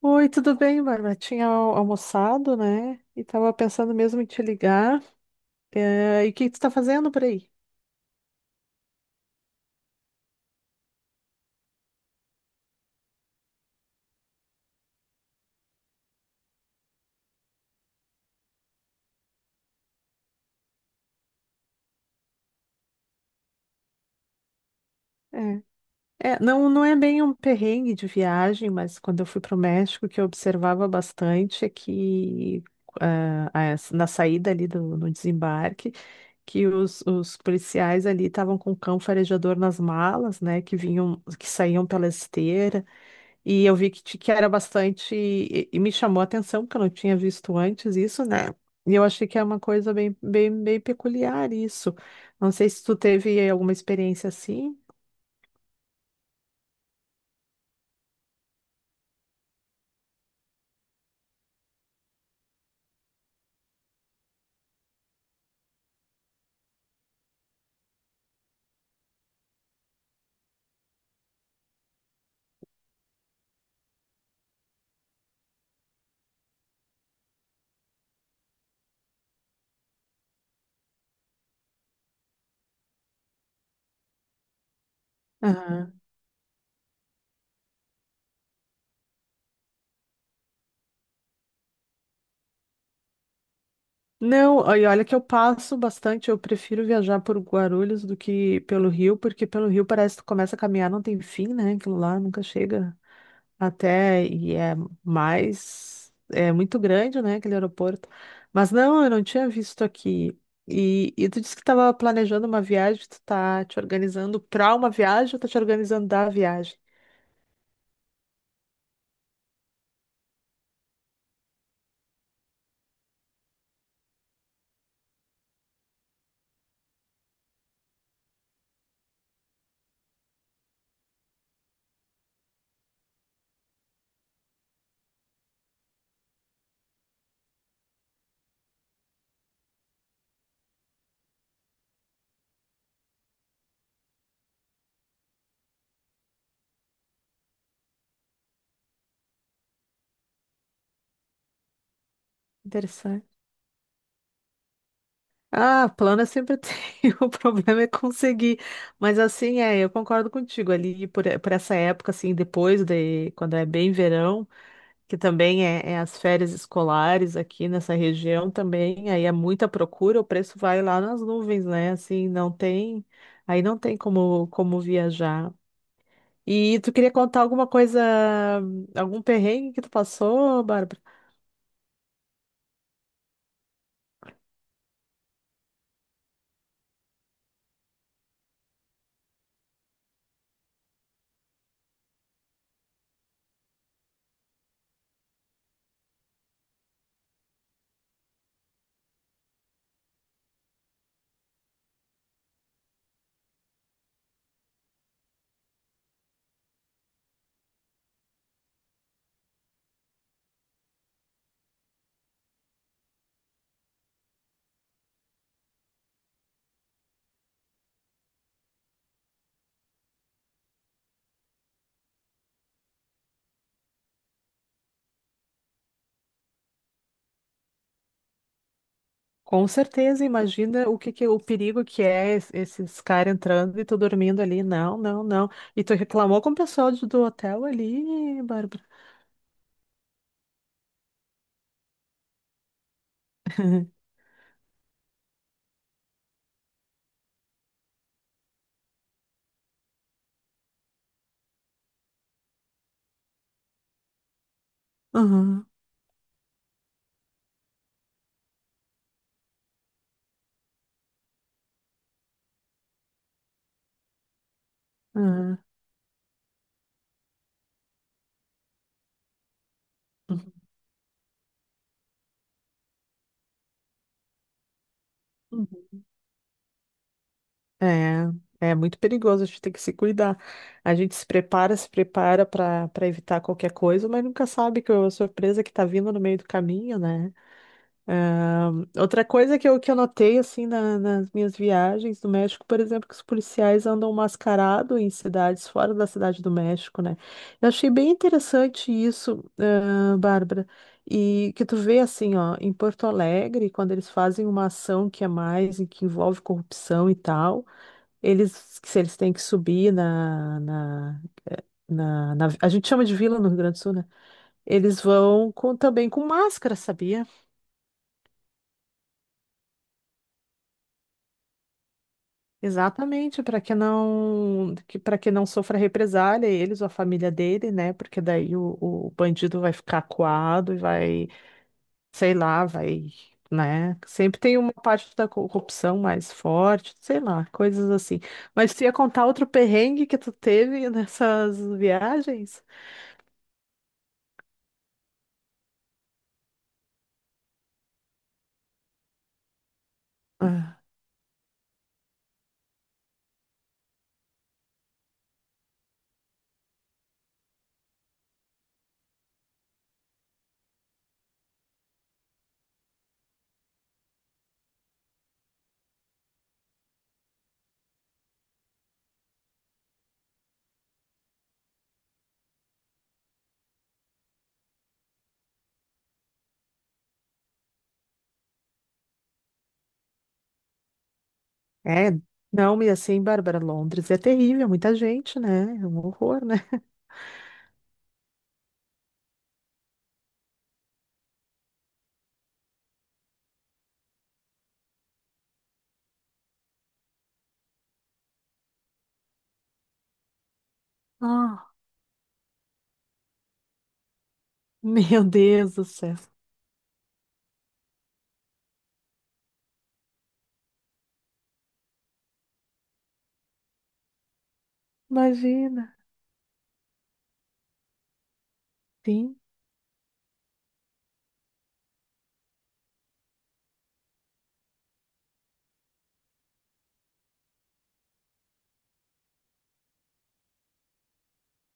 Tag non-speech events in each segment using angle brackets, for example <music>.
Oi, tudo bem, Bárbara? Tinha almoçado, né? E tava pensando mesmo em te ligar. E o que que tu tá fazendo por aí? É. É, não, não é bem um perrengue de viagem, mas quando eu fui para o México, o que eu observava bastante é que na saída ali no desembarque, que os policiais ali estavam com o cão farejador nas malas, né? Que vinham, que saíam pela esteira. E eu vi que era bastante. E me chamou a atenção, porque eu não tinha visto antes isso, né? E eu achei que é uma coisa bem, bem, bem peculiar isso. Não sei se tu teve alguma experiência assim. Aham. Não, e olha que eu passo bastante, eu prefiro viajar por Guarulhos do que pelo Rio, porque pelo Rio parece que tu começa a caminhar, não tem fim, né? Aquilo lá nunca chega. Até, e é mais, é muito grande, né, aquele aeroporto. Mas não, eu não tinha visto aqui. E tu disse que estava planejando uma viagem, tu tá te organizando para uma viagem ou tá te organizando da viagem? Interessante. Ah, plano eu sempre <laughs> tenho, o problema é conseguir. Mas assim, é, eu concordo contigo, por essa época, assim, quando é bem verão, que também é, é as férias escolares aqui nessa região também, aí é muita procura, o preço vai lá nas nuvens, né? Assim, não tem, aí não tem como, como viajar. E tu queria contar alguma coisa, algum perrengue que tu passou, Bárbara? Com certeza, imagina o que que, o perigo que é esses caras entrando e tu dormindo ali. Não, não, não. E tu reclamou com o pessoal do hotel ali, Bárbara? <laughs> Aham, aham. É, é muito perigoso, a gente tem que se cuidar. A gente se prepara, se prepara para evitar qualquer coisa, mas nunca sabe que a surpresa que tá vindo no meio do caminho, né? É, outra coisa que eu notei, assim, nas minhas viagens do México, por exemplo, que os policiais andam mascarados em cidades fora da Cidade do México, né? Eu achei bem interessante isso, ah, Bárbara. E que tu vê assim, ó, em Porto Alegre, quando eles fazem uma ação que é mais, e que envolve corrupção e tal. Eles, se eles têm que subir a gente chama de vila no Rio Grande do Sul, né? Eles vão com, também com máscara, sabia? Exatamente, para que não que, para que não sofra represália, eles ou a família dele, né? Porque daí o bandido vai ficar acuado e vai, sei lá, vai, né? Sempre tem uma parte da corrupção mais forte, sei lá, coisas assim. Mas tu ia contar outro perrengue que tu teve nessas viagens? Ah. É, não, e assim, Bárbara, Londres é terrível, muita gente, né? É um horror, né? Ah, <laughs> meu Deus do céu. Imagina. Sim.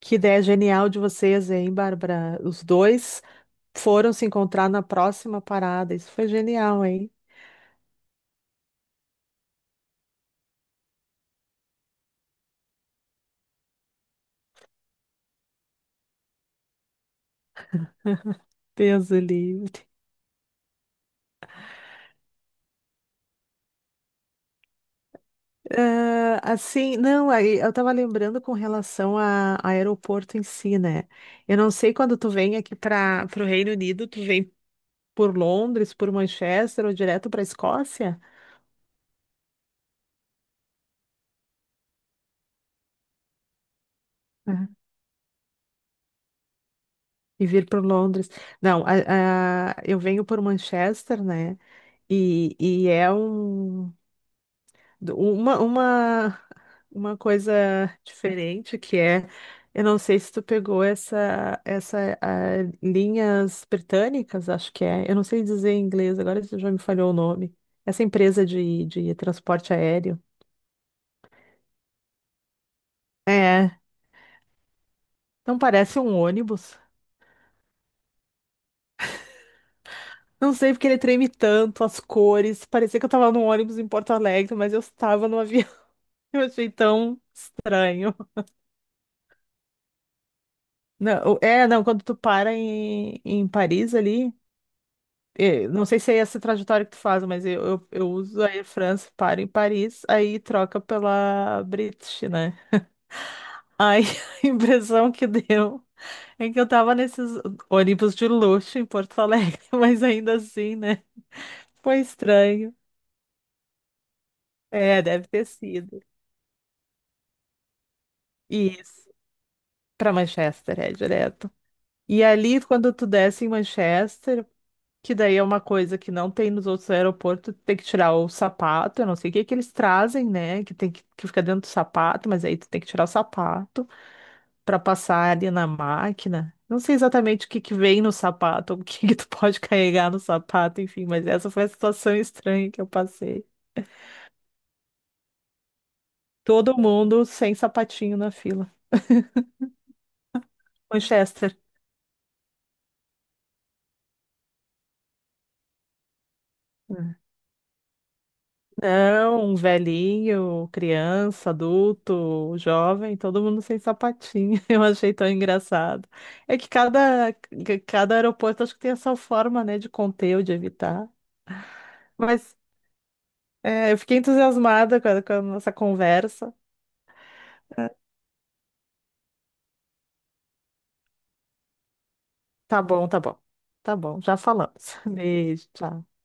Que ideia genial de vocês, hein, Bárbara? Os dois foram se encontrar na próxima parada. Isso foi genial, hein? Deus o livre. Ah, assim, não, aí eu tava lembrando com relação a aeroporto em si, né? Eu não sei quando tu vem aqui para o Reino Unido, tu vem por Londres, por Manchester ou direto para Escócia? E vir para Londres. Não, eu venho por Manchester, né? E é um, uma, uma, uma coisa diferente que é, eu não sei se tu pegou essa, essa linhas britânicas, acho que é. Eu não sei dizer em inglês, agora isso já me falhou o nome. Essa empresa de transporte aéreo. É, não parece um ônibus. Não sei porque ele treme tanto, as cores. Parecia que eu tava num ônibus em Porto Alegre, mas eu estava no avião. <laughs> Eu achei tão estranho. Não, é, não, quando tu para em Paris ali, não sei se é essa trajetória que tu faz, mas eu uso a Air France, paro em Paris, aí troca pela British, né? Aí <laughs> a impressão que deu é que eu tava nesses ônibus de luxo em Porto Alegre, <laughs> mas ainda assim, né? Foi estranho. É, deve ter sido. Isso, pra Manchester, é direto. E ali, quando tu desce em Manchester, que daí é uma coisa que não tem nos outros aeroportos, tem que tirar o sapato, eu não sei o que que eles trazem, né? Que tem que fica dentro do sapato, mas aí tu tem que tirar o sapato para passar ali na máquina. Não sei exatamente o que que vem no sapato, ou o que que tu pode carregar no sapato, enfim, mas essa foi a situação <laughs> estranha que eu passei. Todo mundo sem sapatinho na fila. Manchester. Não, um velhinho, criança, adulto, jovem, todo mundo sem sapatinho. <laughs> Eu achei tão engraçado. É que cada aeroporto acho que tem essa forma, né, de conter ou de evitar. Mas é, eu fiquei entusiasmada com com a nossa conversa. É, tá bom, tá bom. Tá bom, já falamos. <laughs> Beijo, tchau.